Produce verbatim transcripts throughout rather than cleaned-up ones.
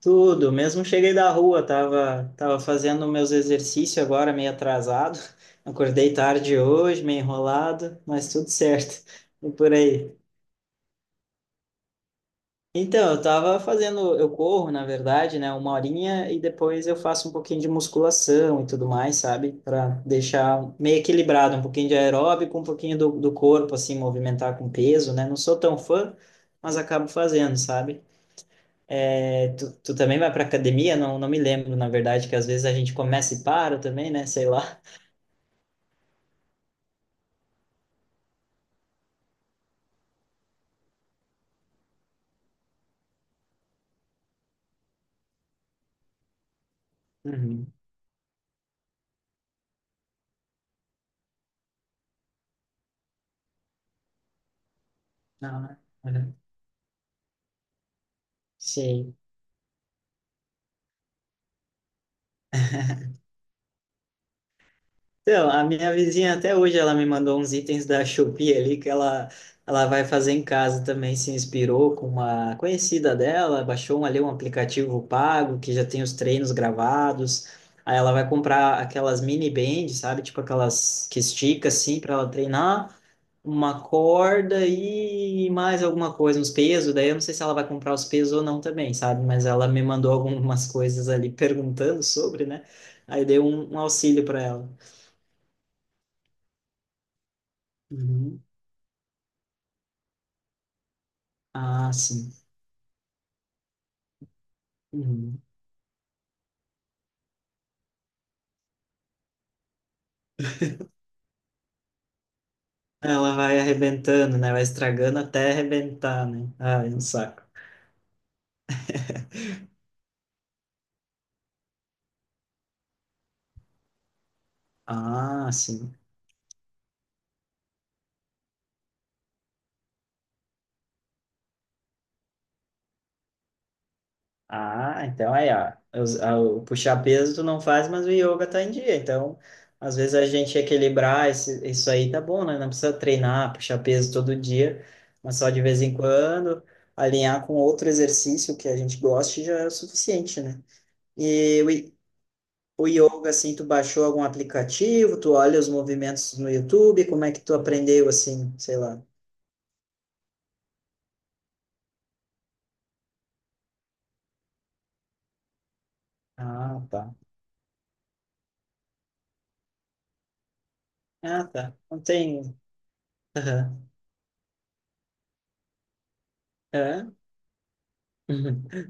Tudo, mesmo cheguei da rua, tava, tava fazendo meus exercícios agora, meio atrasado. Acordei tarde hoje, meio enrolado, mas tudo certo. E por aí. Então, eu tava fazendo, eu corro, na verdade, né, uma horinha e depois eu faço um pouquinho de musculação e tudo mais, sabe? Para deixar meio equilibrado, um pouquinho de aeróbico, um pouquinho do, do corpo, assim, movimentar com peso, né? Não sou tão fã, mas acabo fazendo, sabe? É, tu, tu também vai para academia? Não, não me lembro, na verdade, que às vezes a gente começa e para também, né? Sei lá. Uhum. Não, né? Uhum. Sim. Então, a minha vizinha até hoje ela me mandou uns itens da Shopee ali que ela, ela vai fazer em casa também, se inspirou com uma conhecida dela, baixou um, ali um aplicativo pago que já tem os treinos gravados. Aí ela vai comprar aquelas mini bands, sabe? Tipo aquelas que estica assim para ela treinar, uma corda e mais alguma coisa, uns pesos. Daí eu não sei se ela vai comprar os pesos ou não também, sabe? Mas ela me mandou algumas coisas ali perguntando sobre, né? Aí dei um, um auxílio para ela. Uhum. Ah, sim. Uhum. Ela vai arrebentando, né? Vai estragando até arrebentar, né? Ah, é um saco. Ah, sim. Ah, então aí, ó, os- a- o puxar peso tu não faz, mas o yoga tá em dia. Então, às vezes a gente equilibrar esse, isso aí tá bom, né? Não precisa treinar, puxar peso todo dia, mas só de vez em quando, alinhar com outro exercício que a gente goste já é o suficiente, né? E o, i- o yoga, assim, tu baixou algum aplicativo, tu olha os movimentos no YouTube, como é que tu aprendeu, assim, sei lá. Ah, tá. Ah, tá. Não tem. Aham. Hã?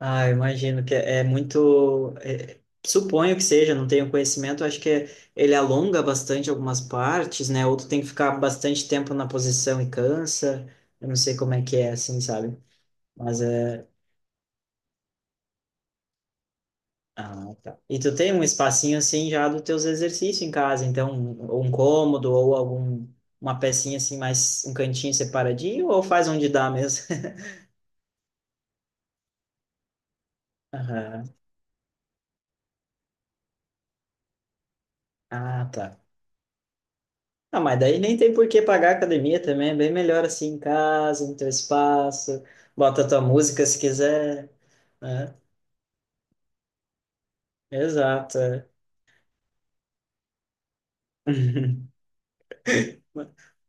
Ah, eu imagino que é, é muito. É- suponho que seja, não tenho conhecimento, acho que é- ele alonga bastante algumas partes, né? Outro tem que ficar bastante tempo na posição e cansa. Eu não sei como é que é, assim, sabe? Mas é. Ah, tá. E tu tem um espacinho assim já dos teus exercícios em casa, então, um, um cômodo ou algum uma pecinha assim, mais um cantinho separadinho, ou faz onde dá mesmo? Aham. Ah, tá. Ah, mas daí nem tem por que pagar a academia também, é bem melhor assim em casa, no teu espaço, bota tua música se quiser, né? Exato, é.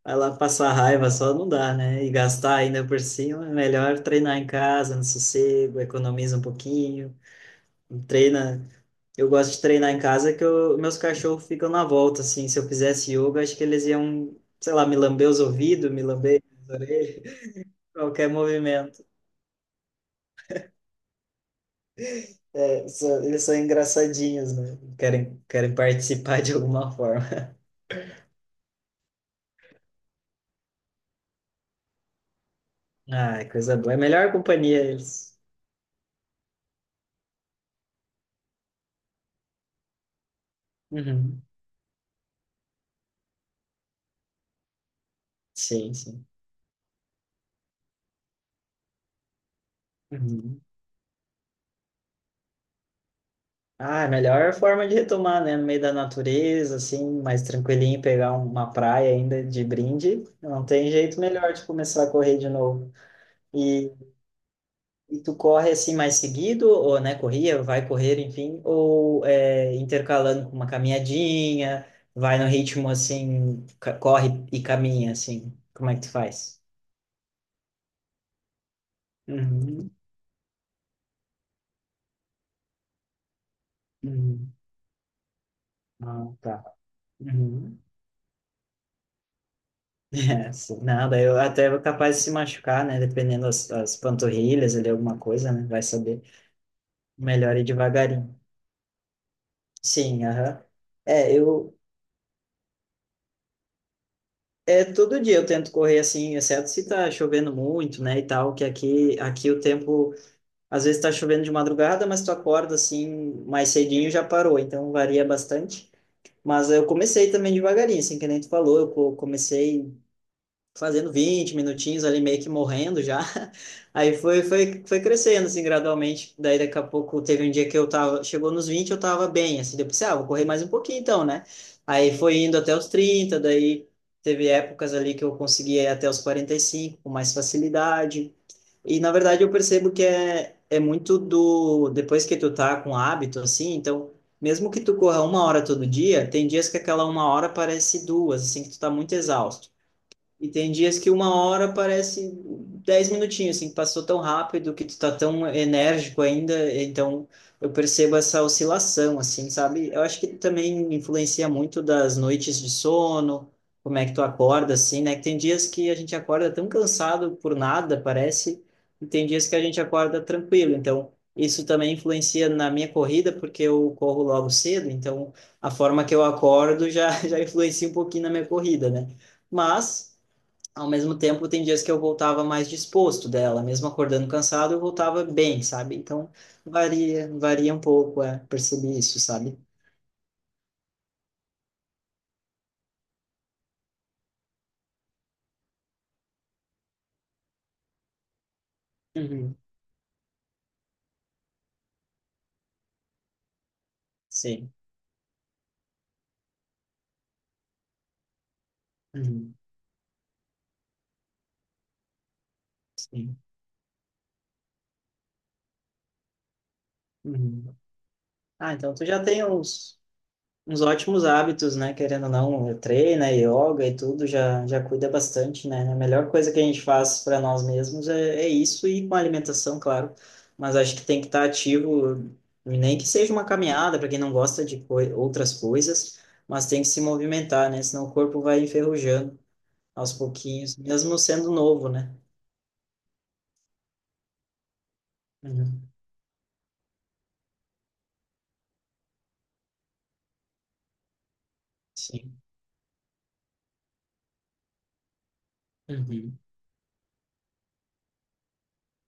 Vai lá passar raiva só não dá, né? E gastar ainda por cima, é melhor treinar em casa, no sossego, economiza um pouquinho, treina. Eu gosto de treinar em casa que eu- meus cachorros ficam na volta, assim, se eu fizesse yoga, acho que eles iam, sei lá, me lamber os ouvidos, me lamber as orelhas, qualquer movimento. É, só- eles são engraçadinhos, né? Querem, querem participar de alguma forma. Ah, é coisa boa. É a melhor companhia eles. Uhum. Sim, sim. Uhum. Ah, é a melhor forma de retomar, né? No meio da natureza, assim, mais tranquilinho, pegar uma praia ainda de brinde. Não tem jeito melhor de começar a correr de novo. E tu corre assim mais seguido, ou né, corria, vai correr, enfim, ou é, intercalando com uma caminhadinha, vai no ritmo assim, ca- corre e caminha, assim, como é que tu faz? Uhum, uhum. Ah, tá. Uhum. É, sim. Não, eu até vou capaz de se machucar, né, dependendo das, das panturrilhas ali, alguma coisa, né, vai saber. Melhor ir devagarinho. Sim, aham. É, eu, É, todo dia eu tento correr assim, exceto se tá chovendo muito, né, e tal, que aqui, aqui o tempo, às vezes tá chovendo de madrugada, mas tu acorda assim, mais cedinho já parou, então varia bastante. Mas eu comecei também devagarinho, assim, que nem tu falou, eu co- comecei fazendo vinte minutinhos ali, meio que morrendo já. Aí foi, foi, foi crescendo, assim, gradualmente. Daí daqui a pouco teve um dia que eu tava, chegou nos vinte eu tava bem, assim, depois, ah, vou correr mais um pouquinho então, né? Aí foi indo até os trinta, daí teve épocas ali que eu conseguia ir até os quarenta e cinco com mais facilidade. E na verdade eu percebo que é, é muito do, depois que tu tá com hábito, assim, então. Mesmo que tu corra uma hora todo dia, tem dias que aquela uma hora parece duas, assim, que tu tá muito exausto. E tem dias que uma hora parece dez minutinhos, assim, passou tão rápido que tu tá tão enérgico ainda, então eu percebo essa oscilação, assim, sabe? Eu acho que também influencia muito das noites de sono, como é que tu acorda, assim, né? Que tem dias que a gente acorda tão cansado por nada, parece, e tem dias que a gente acorda tranquilo, então isso também influencia na minha corrida, porque eu corro logo cedo, então a forma que eu acordo já, já influencia um pouquinho na minha corrida, né? Mas ao mesmo tempo, tem dias que eu voltava mais disposto dela, mesmo acordando cansado, eu voltava bem, sabe? Então, varia, varia um pouco, é, percebi isso, sabe? Uhum. Sim. Uhum. Sim. Uhum. Ah, então tu já tem uns uns ótimos hábitos, né? Querendo ou não, treina, yoga e tudo, já, já cuida bastante, né? A melhor coisa que a gente faz para nós mesmos é, é isso e com a alimentação, claro. Mas acho que tem que estar ativo, nem que seja uma caminhada, para quem não gosta de coi- outras coisas, mas tem que se movimentar, né? Senão o corpo vai enferrujando aos pouquinhos, mesmo sendo novo, né? Uhum. Sim. Uhum.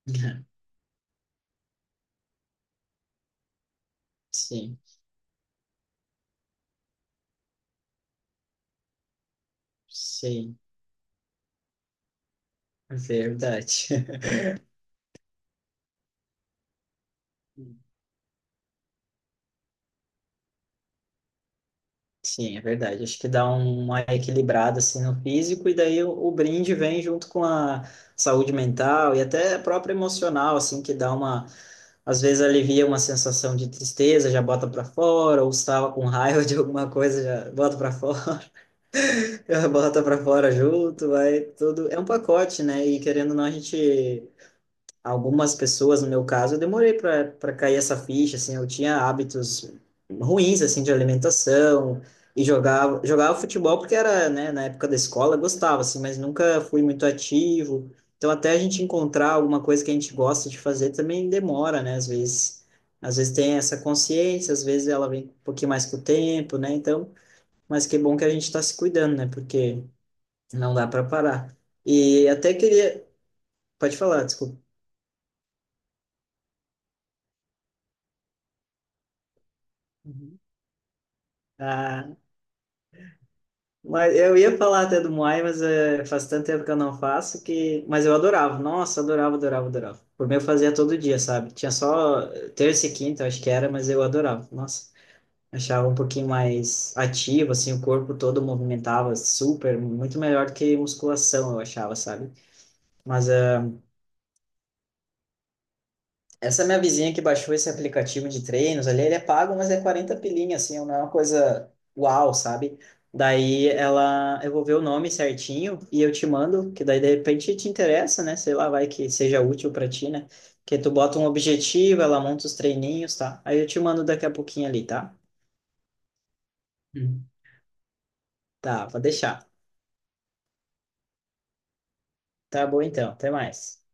Sim. Sim. Verdade. Sim, é verdade. Acho que dá uma equilibrada assim no físico e daí o, o brinde vem junto com a saúde mental e até a própria emocional, assim, que dá uma às vezes alivia uma sensação de tristeza, já bota para fora, ou estava com raiva de alguma coisa, já bota para fora, já bota para fora junto, vai tudo. É um pacote, né? E querendo ou não, a gente algumas pessoas, no meu caso, eu demorei para para cair essa ficha, assim, eu tinha hábitos ruins, assim, de alimentação e jogava jogava futebol porque era, né, na época da escola, eu gostava assim, mas nunca fui muito ativo. Então até a gente encontrar alguma coisa que a gente gosta de fazer também demora, né, às vezes. Às vezes tem essa consciência, às vezes ela vem um pouquinho mais com o tempo, né? Então, mas que bom que a gente está se cuidando, né? Porque não dá para parar. E até queria, pode falar, desculpa. Uhum. Ah, mas eu ia falar até do Muay, mas eh, faz tanto tempo que eu não faço que. Mas eu adorava, nossa, adorava, adorava, adorava. Por mim eu fazia todo dia, sabe? Tinha só eh, terça e quinta, eu acho que era, mas eu adorava, nossa. Achava um pouquinho mais ativo, assim, o corpo todo movimentava super, muito melhor do que musculação, eu achava, sabe? Mas eh, Essa minha vizinha que baixou esse aplicativo de treinos ali, ele é pago, mas é quarenta pilinha, assim, não é uma coisa uau, sabe? Daí ela, eu vou ver o nome certinho e eu te mando, que daí de repente te interessa, né? Sei lá, vai que seja útil para ti, né? Que tu bota um objetivo, ela monta os treininhos, tá? Aí eu te mando daqui a pouquinho ali, tá? Hum. Tá, vou deixar. Tá bom então, até mais.